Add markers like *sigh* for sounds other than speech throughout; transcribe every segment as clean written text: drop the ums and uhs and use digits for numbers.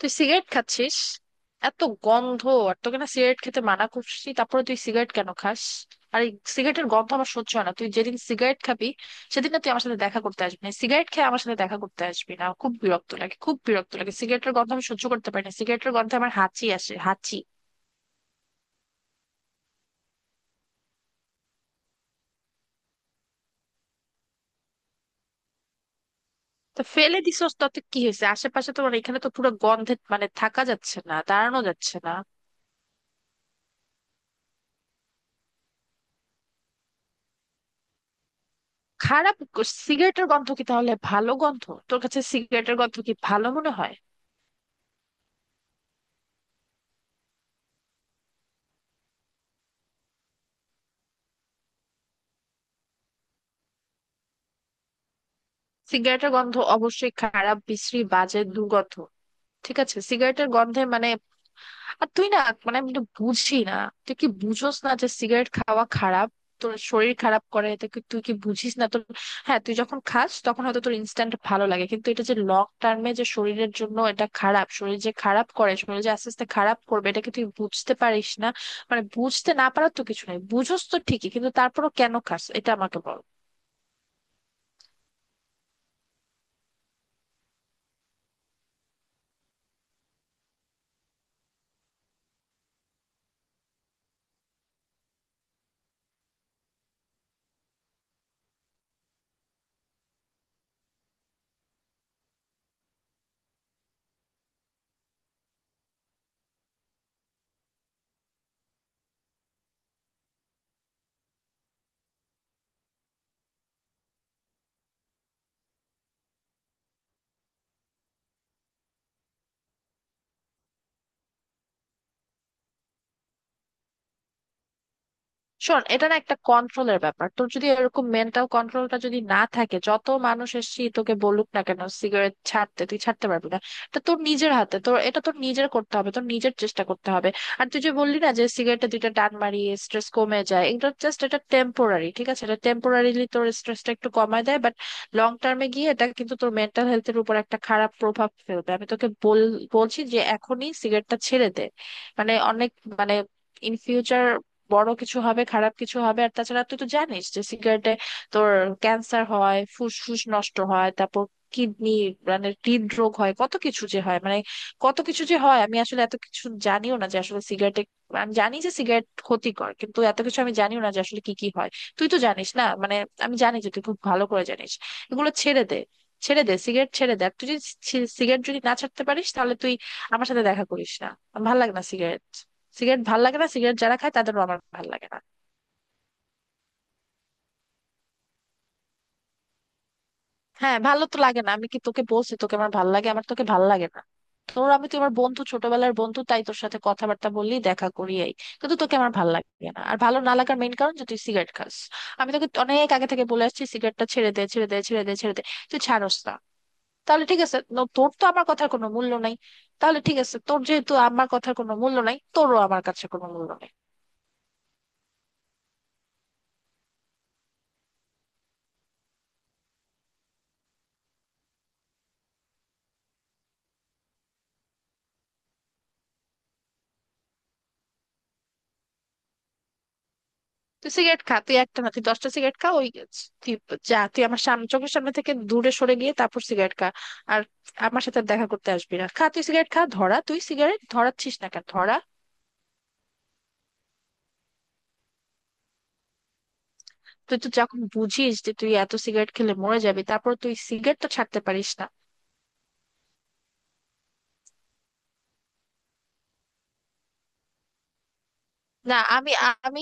তুই সিগারেট খাচ্ছিস, এত গন্ধ! আর তোকে না সিগারেট খেতে মানা করছি, তারপরে তুই সিগারেট কেন খাস? আর এই সিগারেটের গন্ধ আমার সহ্য হয় না। তুই যেদিন সিগারেট খাবি সেদিন না তুই আমার সাথে দেখা করতে আসবি না, সিগারেট খেয়ে আমার সাথে দেখা করতে আসবি না। আমার খুব বিরক্ত লাগে, খুব বিরক্ত লাগে। সিগারেটের গন্ধ আমি সহ্য করতে পারি না। সিগারেটের গন্ধে আমার হাঁচি আসে, হাঁচি। তো ফেলে দিছস, তাতে কি হয়েছে? আশেপাশে তোমার এখানে তো পুরো গন্ধে, মানে, থাকা যাচ্ছে না, দাঁড়ানো যাচ্ছে না। সিগারেটের গন্ধ কি তাহলে ভালো গন্ধ? তোর কাছে সিগারেটের গন্ধ কি ভালো মনে হয়? সিগারেটের গন্ধ অবশ্যই খারাপ, বিশ্রী, বাজে, দুর্গন্ধ। ঠিক আছে, সিগারেটের গন্ধে, মানে, আর তুই না, মানে, আমি এটা বুঝি না। তুই কি বুঝোস না যে সিগারেট খাওয়া খারাপ? তোর শরীর খারাপ করে, এটা কি তুই কি বুঝিস না তোর? হ্যাঁ, তুই যখন খাস তখন হয়তো তোর ইনস্ট্যান্ট ভালো লাগে, কিন্তু এটা যে লং টার্মে যে শরীরের জন্য এটা খারাপ, শরীর যে খারাপ করে, শরীর যে আস্তে আস্তে খারাপ করবে, এটা কি তুই বুঝতে পারিস না? মানে বুঝতে না পারার তো কিছু নেই, বুঝোস তো ঠিকই, কিন্তু তারপরও কেন খাস এটা আমাকে বল। শোন, এটা না একটা কন্ট্রোলের ব্যাপার। তোর যদি এরকম মেন্টাল কন্ট্রোলটা যদি না থাকে, যত মানুষ এসেছি তোকে বলুক না কেন সিগারেট ছাড়তে, তুই ছাড়তে পারবি না। এটা তোর নিজের হাতে, তোর এটা তোর নিজের করতে হবে, তোর নিজের চেষ্টা করতে হবে। আর তুই যে বললি না যে সিগারেটে দুইটা টান মারি স্ট্রেস কমে যায়, এটা জাস্ট, এটা টেম্পোরারি। ঠিক আছে, এটা টেম্পোরারিলি তোর স্ট্রেসটা একটু কমায় দেয়, বাট লং টার্মে গিয়ে এটা কিন্তু তোর মেন্টাল হেলথের উপর একটা খারাপ প্রভাব ফেলবে। আমি তোকে বল বলছি যে এখনই সিগারেটটা ছেড়ে দে। মানে অনেক, মানে, ইন ফিউচার বড় কিছু হবে, খারাপ কিছু হবে। আর তাছাড়া তুই তো জানিস যে সিগারেটে তোর ক্যান্সার হয়, ফুসফুস নষ্ট হয়, তারপর কিডনি, মানে হৃদরোগ হয়, কত কিছু যে হয়, মানে, কত কিছু যে হয়, আমি আসলে এত কিছু জানিও না যে আসলে সিগারেটে। আমি জানি যে সিগারেট ক্ষতিকর, কিন্তু এত কিছু আমি জানিও না যে আসলে কি কি হয়। তুই তো জানিস, না মানে, আমি জানি যে তুই খুব ভালো করে জানিস। এগুলো ছেড়ে দে, ছেড়ে দে, সিগারেট ছেড়ে দে। আর তুই যদি সিগারেট যদি না ছাড়তে পারিস তাহলে তুই আমার সাথে দেখা করিস না। আমার ভালো লাগে না সিগারেট, সিগারেট ভাল লাগে না, সিগারেট যারা খায় তাদেরও আমার ভাল লাগে না। হ্যাঁ, ভালো তো লাগে না। আমি কি তোকে বলছি তোকে আমার ভাল লাগে? আমার তোকে ভাল লাগে না। তোর, আমি তো, আমার বন্ধু, ছোটবেলার বন্ধু, তাই তোর সাথে কথাবার্তা বললি, দেখা করি এই, কিন্তু তোকে আমার ভাল লাগে না। আর ভালো না লাগার মেইন কারণ যে তুই সিগারেট খাস। আমি তোকে অনেক আগে থেকে বলে আসছি সিগারেটটা ছেড়ে দে, ছেড়ে দে, ছেড়ে দে, ছেড়ে দে। তুই ছাড়স না। তাহলে ঠিক আছে, তোর তো আমার কথার কোনো মূল্য নাই। তাহলে ঠিক আছে, তোর যেহেতু আমার কথার কোনো মূল্য নাই, তোরও আমার কাছে কোনো মূল্য নাই। তুই সিগারেট খা, তুই একটা না তুই 10টা সিগারেট খা। ওই তুই, যা, তুই আমার সামনে, চোখের সামনে থেকে দূরে সরে গিয়ে তারপর সিগারেট খা। আর আমার সাথে আর দেখা করতে আসবি না। খা, তুই সিগারেট খা, ধরা, তুই সিগারেট ধরাচ্ছিস না কেন? ধরা। তুই তো যখন বুঝিস যে তুই এত সিগারেট খেলে মরে যাবি, তারপর তুই সিগারেট তো ছাড়তে পারিস না। না আমি, আমি,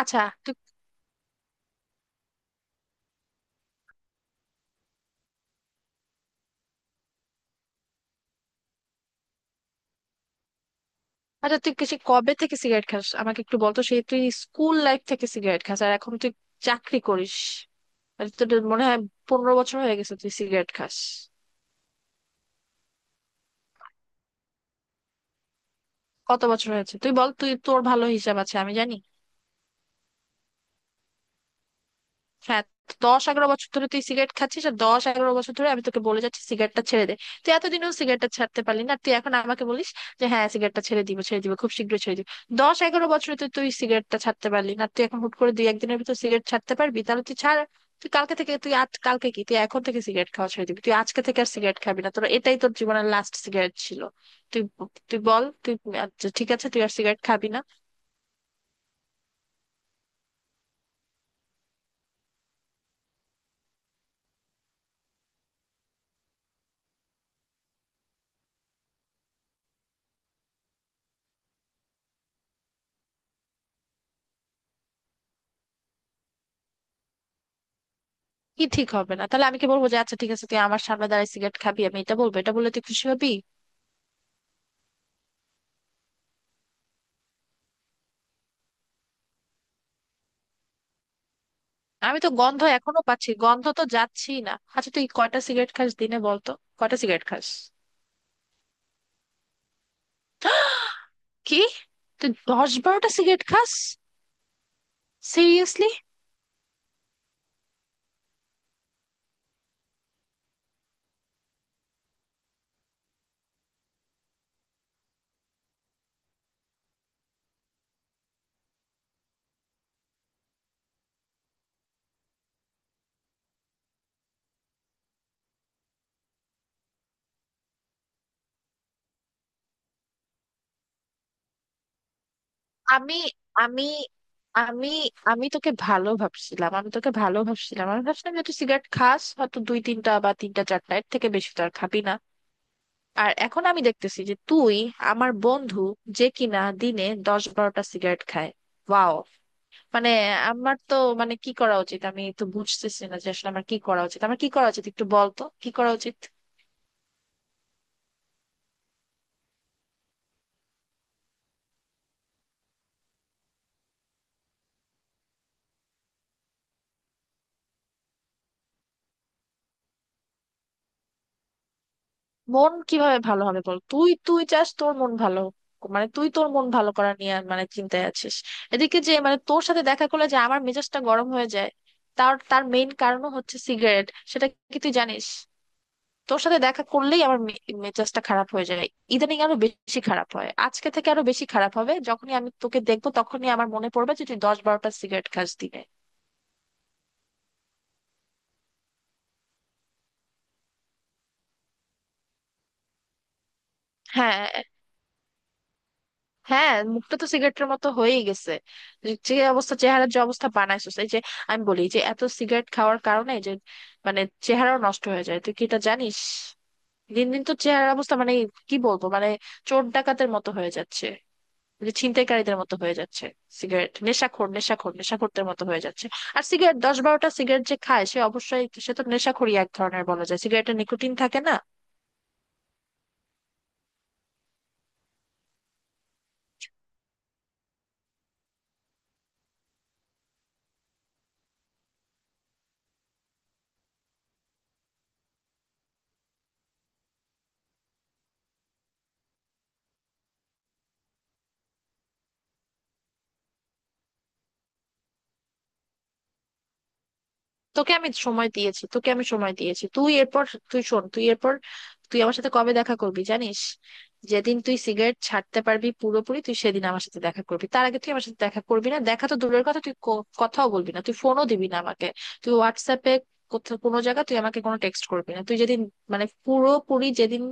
আচ্ছা তুই, আচ্ছা তুই সেই কবে থেকে সিগারেট খাস আমাকে একটু বলতো। সেই তুই স্কুল লাইফ থেকে সিগারেট খাস, আর এখন তুই চাকরি করিস। আর তোর মনে হয় 15 বছর হয়ে গেছে তুই সিগারেট খাস। কত বছর হয়েছে তুই বল, তুই তোর ভালো হিসাব আছে আমি জানি। হ্যাঁ, 10-11 বছর ধরে তুই সিগারেট খাচ্ছিস আর 10-11 বছর ধরে আমি তোকে বলে যাচ্ছি সিগারেটটা ছেড়ে দে। তুই এতদিনেও সিগারেটটা ছাড়তে পারলি না, আর তুই এখন আমাকে বলিস যে হ্যাঁ সিগারেটটা ছেড়ে দিব, ছেড়ে দিব, খুব শীঘ্রই ছেড়ে দিব। 10-11 বছরে তুই তুই সিগারেটটা ছাড়তে পারলি না, আর তুই এখন হুট করে দুই একদিনের ভিতর সিগারেট ছাড়তে পারবি? তাহলে তুই ছাড়। তুই কালকে থেকে, তুই আজ কালকে কি, তুই এখন থেকে সিগারেট খাওয়া ছেড়ে দিবি, তুই আজকে থেকে আর সিগারেট খাবি না, তোর এটাই তোর জীবনের লাস্ট সিগারেট ছিল। তুই, তুই বল, তুই, আচ্ছা ঠিক আছে তুই আর সিগারেট খাবি না। কি ঠিক হবে না? তাহলে আমি কি বলবো যে আচ্ছা ঠিক আছে তুই আমার সামনে দাঁড়ায় সিগারেট খাবি? আমি এটা বলবো? এটা বললে তুই খুশি হবি? আমি তো গন্ধ এখনো পাচ্ছি, গন্ধ তো যাচ্ছি না। আচ্ছা তুই কয়টা সিগারেট খাস দিনে বলতো, কয়টা সিগারেট খাস? *gasps* কি! তুই 10-12টা সিগারেট খাস? সিরিয়াসলি? আমি আমি আমি আমি তোকে ভালো ভাবছিলাম, আমি তোকে ভালো ভাবছিলাম, আমি ভাবছিলাম যে তুই সিগারেট খাস হয়তো 2-3টা বা 3-4টা, এর থেকে বেশি তো আর খাবি না। আর এখন আমি দেখতেছি যে তুই আমার বন্ধু যে কিনা দিনে 10-12টা সিগারেট খায়। ওয়াও। মানে আমার তো, মানে কি করা উচিত, আমি তো বুঝতেছি না যে আসলে আমার কি করা উচিত, আমার কি করা উচিত একটু বল তো, কি করা উচিত। মন কিভাবে ভালো হবে বল? তুই, তুই চাস তোর মন ভালো হোক। মানে তুই তোর মন ভালো করা নিয়ে মানে চিন্তায় আছিস, এদিকে যে মানে তোর সাথে দেখা করলে যে আমার মেজাজটা গরম হয়ে যায়, তার তার মেইন কারণও হচ্ছে সিগারেট, সেটা কি তুই জানিস? তোর সাথে দেখা করলেই আমার মেজাজটা খারাপ হয়ে যায়। ইদানিং আরো বেশি খারাপ হয়, আজকে থেকে আরো বেশি খারাপ হবে। যখনই আমি তোকে দেখবো তখনই আমার মনে পড়বে যে তুই 10-12টা সিগারেট খাস দিনে। হ্যাঁ, হ্যাঁ, মুখটা তো সিগারেটের মতো হয়েই গেছে। যে যে অবস্থা চেহারার, যে অবস্থা বানাইছিস, এই যে আমি বলি যে এত সিগারেট খাওয়ার কারণে যে মানে চেহারাও নষ্ট হয়ে যায়, তুই কি এটা জানিস? দিন দিন তো চেহারার অবস্থা, মানে, কি বলবো, মানে, চোর ডাকাতের মতো হয়ে যাচ্ছে, যে ছিনতাইকারীদের মতো হয়ে যাচ্ছে, সিগারেট, নেশাখোর নেশাখোর নেশাখোরদের মতো হয়ে যাচ্ছে। আর সিগারেট, 10-12টা সিগারেট যে খায় সে অবশ্যই, সে তো নেশাখোরই এক ধরনের বলা যায়। সিগারেটে নিকোটিন থাকে না? তোকে আমি সময় দিয়েছি, তোকে আমি সময় দিয়েছি। তুই এরপর, তুই শোন, তুই এরপর, তুই আমার সাথে কবে দেখা করবি জানিস? যেদিন তুই সিগারেট ছাড়তে পারবি পুরোপুরি তুই সেদিন আমার সাথে দেখা করবি, তার আগে তুই আমার সাথে দেখা করবি না। দেখা তো দূরের কথা, তুই কথাও বলবি না, তুই ফোনও দিবি না আমাকে। তুই হোয়াটসঅ্যাপে কোথাও কোনো জায়গা তুই আমাকে কোনো টেক্সট করবি না। তুই যেদিন, মানে পুরোপুরি যেদিন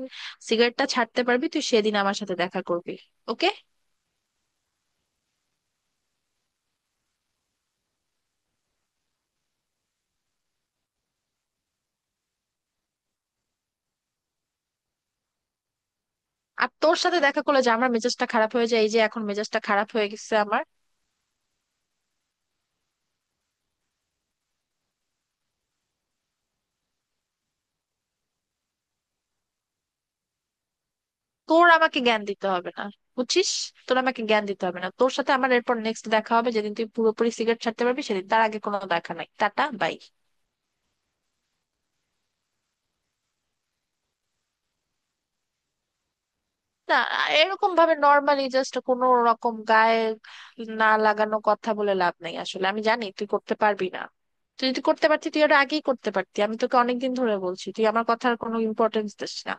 সিগারেটটা ছাড়তে পারবি তুই সেদিন আমার সাথে দেখা করবি। ওকে? আর তোর সাথে দেখা করলে যে আমার মেজাজটা খারাপ হয়ে যায়, এই যে এখন মেজাজটা খারাপ হয়ে গেছে আমার। তোর আমাকে জ্ঞান দিতে হবে না, বুঝছিস? তোর আমাকে জ্ঞান দিতে হবে না। তোর সাথে আমার এরপর নেক্সট দেখা হবে যেদিন তুই পুরোপুরি সিগারেট ছাড়তে পারবি সেদিন। তার আগে কোনো দেখা নাই। Tata, bye. না, এরকম ভাবে নর্মালি, জাস্ট কোনো রকম গায়ে না লাগানো কথা বলে লাভ নাই, আসলে আমি জানি তুই করতে পারবি না। তুই যদি করতে পারতি তুই এটা আগেই করতে পারতি। আমি তোকে অনেকদিন ধরে বলছি, তুই আমার কথার কোনো ইম্পর্টেন্স দিস না।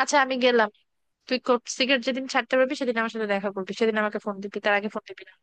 আচ্ছা আমি গেলাম। তুই সিগারেট যেদিন ছাড়তে পারবি সেদিন আমার সাথে দেখা করবি, সেদিন আমাকে ফোন দিবি, তার আগে ফোন দিবি না।